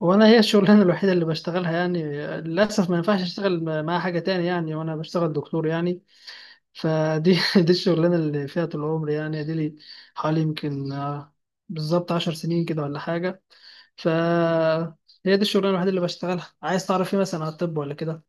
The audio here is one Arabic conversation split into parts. وانا هي الشغلانه الوحيده اللي بشتغلها يعني. للاسف ما ينفعش اشتغل مع حاجه تاني يعني، وانا بشتغل دكتور يعني. فدي دي الشغلانه اللي فيها طول عمري يعني، دي لي حوالي يمكن بالظبط عشر سنين كده ولا حاجه. ف هي دي الشغلانه الوحيده اللي بشتغلها. عايز تعرف ايه مثلا على الطب ولا كده؟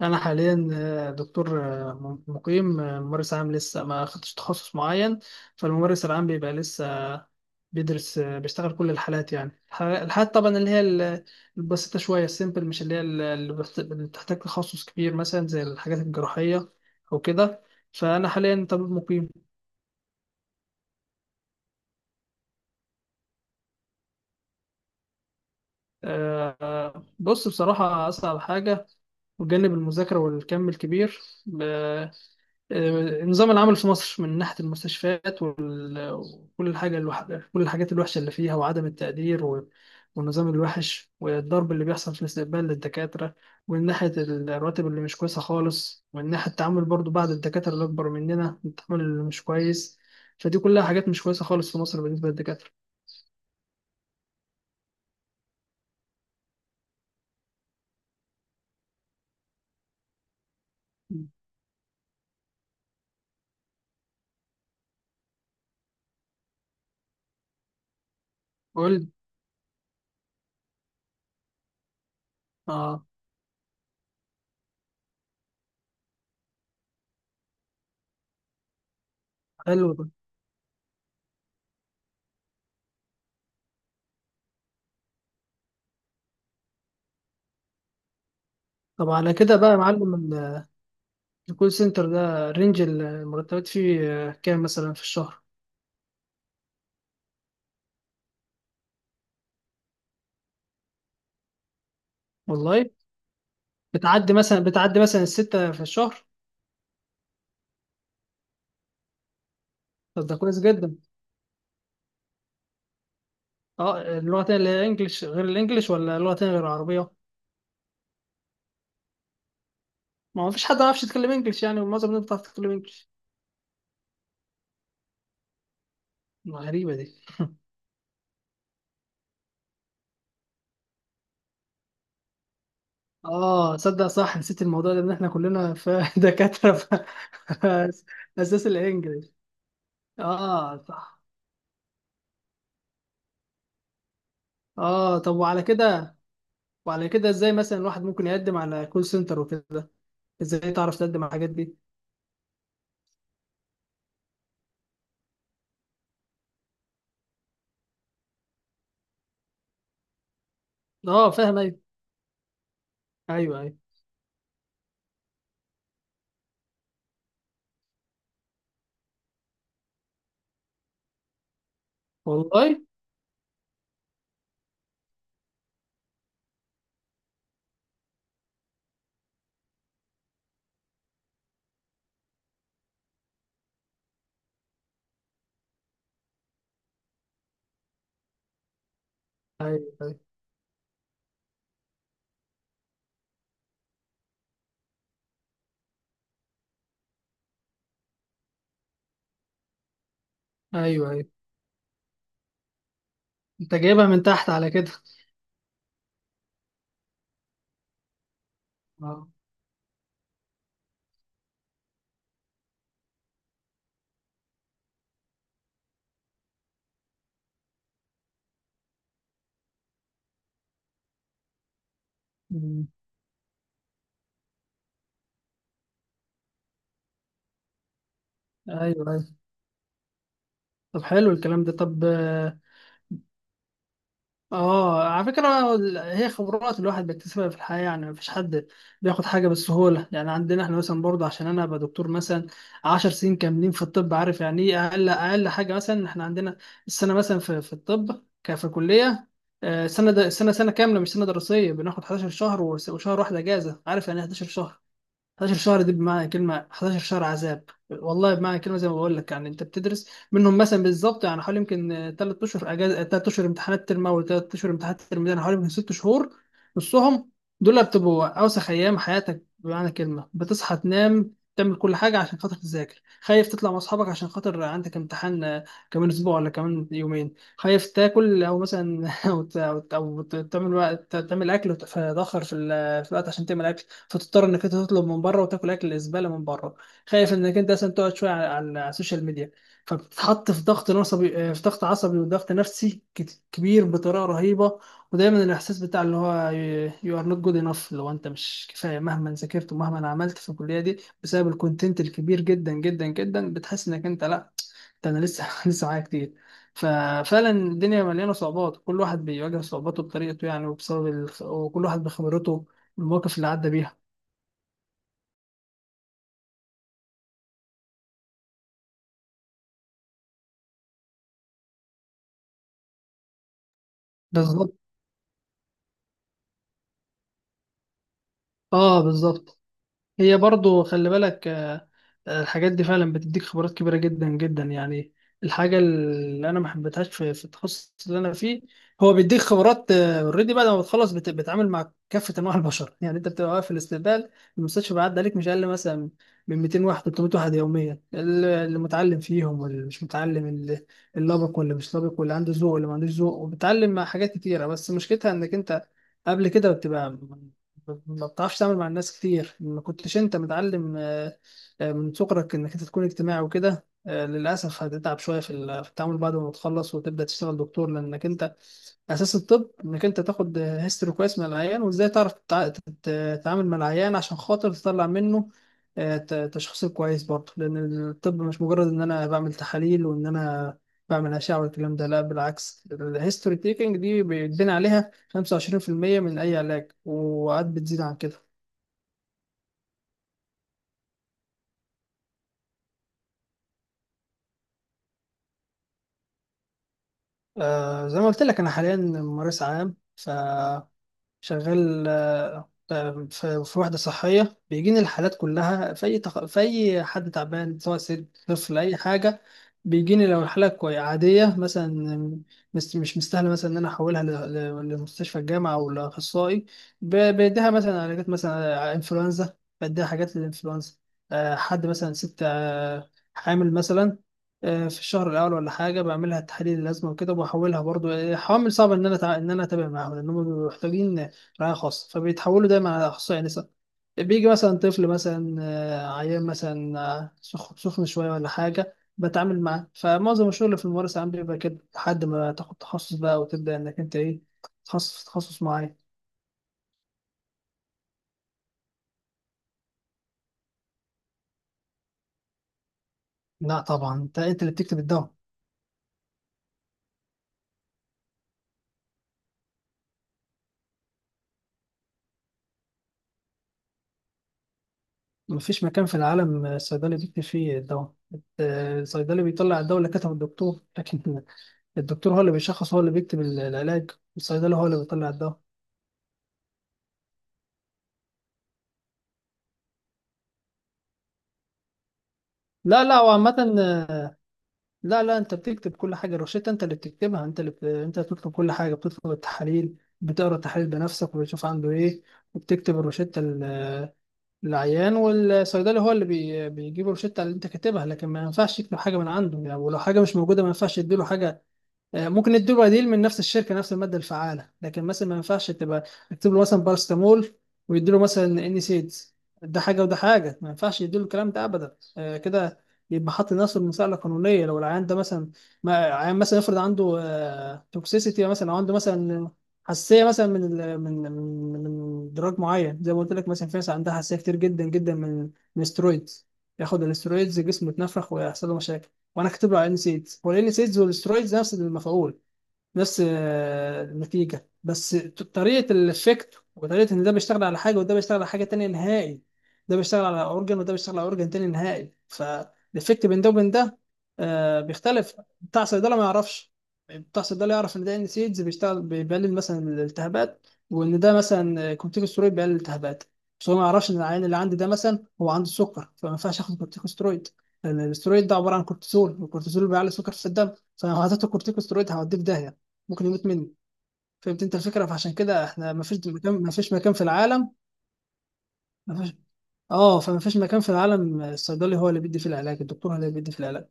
انا حاليا دكتور مقيم ممارس عام، لسه ما خدتش تخصص معين. فالممارس العام بيبقى لسه بيدرس بيشتغل كل الحالات، يعني الحالات طبعا اللي هي البسيطة شوية، السيمبل، مش اللي هي اللي بتحتاج تخصص كبير مثلا زي الحاجات الجراحية أو كده. فأنا حاليا طبيب مقيم. بص، بصراحة أصعب حاجة بجانب المذاكرة والكم الكبير آه، نظام العمل في مصر من ناحية المستشفيات وكل الحاجة الوح... كل الحاجات الوحشة اللي فيها، وعدم التقدير والنظام الوحش، والضرب اللي بيحصل في الاستقبال للدكاترة، ومن ناحية الرواتب اللي مش كويسة خالص، ومن ناحية التعامل برضو بعض الدكاترة اللي أكبر مننا، التعامل اللي مش كويس. فدي كلها حاجات مش كويسة خالص في مصر بالنسبة للدكاترة. قول. اه، حلو ده. طب على كده بقى يا معلم، الكول سنتر ده رينج المرتبات فيه كام مثلا في الشهر؟ والله. بتعدي مثلا الستة في الشهر؟ طب ده كويس جدا. اه، اللغة تانية اللي هي انجلش، غير الانجليش ولا لغة تانية غير العربية؟ ما هو فيش حد ما يعرفش يتكلم انجليش يعني، ومعظم الناس بتعرف تتكلم انجليش. غريبة دي. اه، صدق صح، نسيت الموضوع ده ان احنا كلنا في دكاترة في اساس الانجليش. اه، صح. اه، طب وعلى كده ازاي مثلا الواحد ممكن يقدم على كول سنتر وكده؟ ازاي تعرف تقدم على الحاجات دي؟ اه، فاهم، ايوه، ايوه، ايوه. والله. ايوه، ايوه، ايوه. انت جايبها من تحت على كده. اه. مم. ايوه، ايوه. طب حلو الكلام ده، طب اه. على فكره، هي خبرات الواحد بيكتسبها في الحياه يعني، مفيش حد بياخد حاجه بالسهوله يعني. عندنا احنا مثلا برضه، عشان انا ابقى دكتور مثلا 10 سنين كاملين في الطب، عارف يعني ايه؟ اقل اقل حاجه، مثلا احنا عندنا السنه، مثلا في الطب في كليه، سنه كامله مش سنه دراسيه، بناخد 11 شهر وشهر واحد اجازه. عارف يعني إيه 11 شهر؟ 11 شهر دي بمعنى كلمة 11 شهر عذاب. والله، بمعنى كلمة زي ما بقول لك يعني، أنت بتدرس منهم مثلا، بالظبط يعني حوالي يمكن ثلاث أشهر أجازة، ثلاث أشهر امتحانات ترم أول، ثلاث أشهر امتحانات ترم تاني، حوالي يمكن ست شهور، نصهم. دول بتبقوا أوسخ أيام حياتك بمعنى كلمة. بتصحى، تنام، تعمل كل حاجة عشان خاطر تذاكر. خايف تطلع مع أصحابك عشان خاطر عندك امتحان كمان أسبوع ولا كمان يومين. خايف تاكل، أو مثلا تعمل أكل وتتأخر في في الوقت عشان تعمل أكل، فتضطر انك انت تطلب من بره وتاكل اكل الزباله من بره. خايف انك انت مثلا تقعد شويه على على السوشيال ميديا، فبتتحط في ضغط عصبي في ضغط عصبي وضغط نفسي كبير بطريقه رهيبه. ودايما الاحساس بتاع اللي هو يو ار نوت جود انف، لو انت مش كفايه مهما ذاكرت ومهما عملت في الكليه دي، بسبب الكونتنت الكبير جدا جدا جدا، بتحس انك انت لا، ده انا لسه لسه معايا كتير. ففعلا الدنيا مليانه صعوبات، كل واحد بيواجه صعوباته بطريقته يعني، وكل واحد بخبرته المواقف اللي عدى بيها. بالظبط. اه، بالظبط. هي برضو خلي بالك الحاجات دي فعلا بتديك خبرات كبيره جدا جدا يعني. الحاجه اللي انا ما حبيتهاش في التخصص اللي انا فيه، هو بيديك خبرات اوريدي بعد ما بتخلص، بتتعامل مع كافه انواع البشر. يعني انت بتبقى واقف في الاستقبال، المستشفى بيعدي عليك مش اقل مثلا من 200 واحد، 300 واحد يوميا، اللي متعلم فيهم واللي مش متعلم، اللي لابق واللي مش لابق، واللي عنده ذوق واللي ما عندوش ذوق، وبتتعلم مع حاجات كتيره. بس مشكلتها انك انت قبل كده بتبقى ما بتعرفش تعمل مع الناس كتير، ما كنتش انت متعلم من صغرك انك انت تكون اجتماعي وكده. للاسف هتتعب شويه في في التعامل بعد ما تخلص وتبدا تشتغل دكتور، لانك انت اساس الطب انك انت تاخد هيستوري كويس من العيان، وازاي تعرف تتعامل مع العيان عشان خاطر تطلع منه تشخيص كويس برضه، لان الطب مش مجرد ان انا بعمل تحاليل وان انا بعمل اشعه والكلام ده، لا، بالعكس، الهيستوري تيكنج دي بيتبني عليها 25% من اي علاج، وقعد بتزيد عن كده. زي ما قلت لك انا حاليا ممارس عام، ف شغال في وحدة صحية، بيجيني الحالات كلها في أي في أي حد تعبان سواء ست، طفل، أي حاجة. بيجيني لو الحالة كوي عادية مثلا، مش مستاهلة مثلا إن أنا أحولها لمستشفى الجامعة أو لأخصائي، بديها مثلا علاجات مثلا إنفلونزا، بديها حاجات للإنفلونزا. حد مثلا ست حامل مثلا في الشهر الاول ولا حاجه، بعملها تحاليل اللازمه وكده، وبحولها برضو. حوامل صعب ان انا ان انا اتابع معاهم، لانهم بيبقوا محتاجين رعاية خاصة، فبيتحولوا دايما على أخصائي نساء. بيجي مثلا طفل مثلا عيان مثلا سخن شوية ولا حاجة، بتعامل معاه. فمعظم الشغل في الممارسة عام بيبقى كده، لحد ما تاخد تخصص بقى وتبدأ إنك أنت إيه، تخصص في تخصص معين. لا طبعا، أنت اللي بتكتب الدواء. مفيش مكان في العالم الصيدلي بيكتب فيه الدواء. الصيدلي بيطلع الدواء اللي كتبه الدكتور، لكن الدكتور هو اللي بيشخص، هو اللي بيكتب العلاج. الصيدلي هو اللي بيطلع الدواء. لا لا، وعامة لا لا، انت بتكتب كل حاجه، الروشته انت اللي بتكتبها، انت اللي انت بتطلب كل حاجه، بتطلب التحاليل، بتقرا التحاليل بنفسك وبتشوف عنده ايه، وبتكتب الروشته للعيان، والصيدلي هو اللي بيجيب الروشته اللي انت كاتبها، لكن ما ينفعش يكتب حاجه من عنده يعني، ولو حاجه مش موجوده ما ينفعش يديله حاجه. ممكن ادوا بديل من نفس الشركه نفس الماده الفعاله، لكن مثلا ما ينفعش تبقى اكتب له مثلا بارستامول ويدوا له مثلا انيسيد، ده حاجه وده حاجه، ما ينفعش يدوا له الكلام ده ابدا. كده يبقى حاطط نفسه المساءله القانونيه، لو العيان ده مثلا، ما عيان مثلا يفرض عنده توكسيسيتي مثلا، او عنده مثلا حساسيه مثلا من من من دراج معين، زي ما قلت لك مثلا في ناس عندها حساسيه كتير جدا جدا من السترويدز، ياخد الاسترويدز جسمه يتنفخ ويحصل له مشاكل، وانا كاتب له على النسيت والانسيتس، والاسترويدز نفس المفعول نفس النتيجة، بس طريقة الإفكت وطريقة إن ده بيشتغل على حاجة وده بيشتغل على حاجة تانية نهائي، ده بيشتغل على أورجن وده بيشتغل على أورجن تاني نهائي، فالإفكت بين ده وبين ده بيختلف. بتاع صيدلة ما يعرفش. بتاع صيدلة يعرف إن ده إن سيدز بيشتغل بيقلل مثلا الالتهابات، وإن ده مثلا كورتيكوستيرويد بيقلل الالتهابات، بس هو ما يعرفش إن العيان اللي عندي ده مثلا هو عنده سكر، فما ينفعش آخد كورتيكوستيرويد، لأن الاسترويد ده عبارة عن كورتيزول، والكورتيزول بيعلي السكر في الدم، فلو هديته كورتيكوستيرويد هوديه في داهية، ممكن يموت مني. فهمت انت الفكره؟ فعشان كده احنا ما فيش مكان، ما فيش مكان في العالم. ما فيش. اه، فما فيش مكان في العالم الصيدلي هو اللي بيدي في العلاج، الدكتور هو اللي بيدي في العلاج.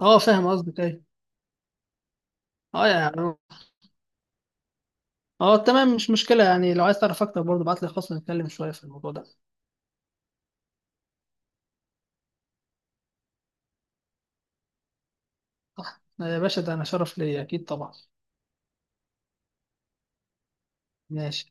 اه، فاهم قصدك ايه. اه، يعني، اه، تمام مش مشكله يعني، لو عايز تعرف اكتر برضه ابعت لي خاص نتكلم شويه في الموضوع ده. صح. يا باشا، ده انا شرف ليا، اكيد طبعا. ماشي.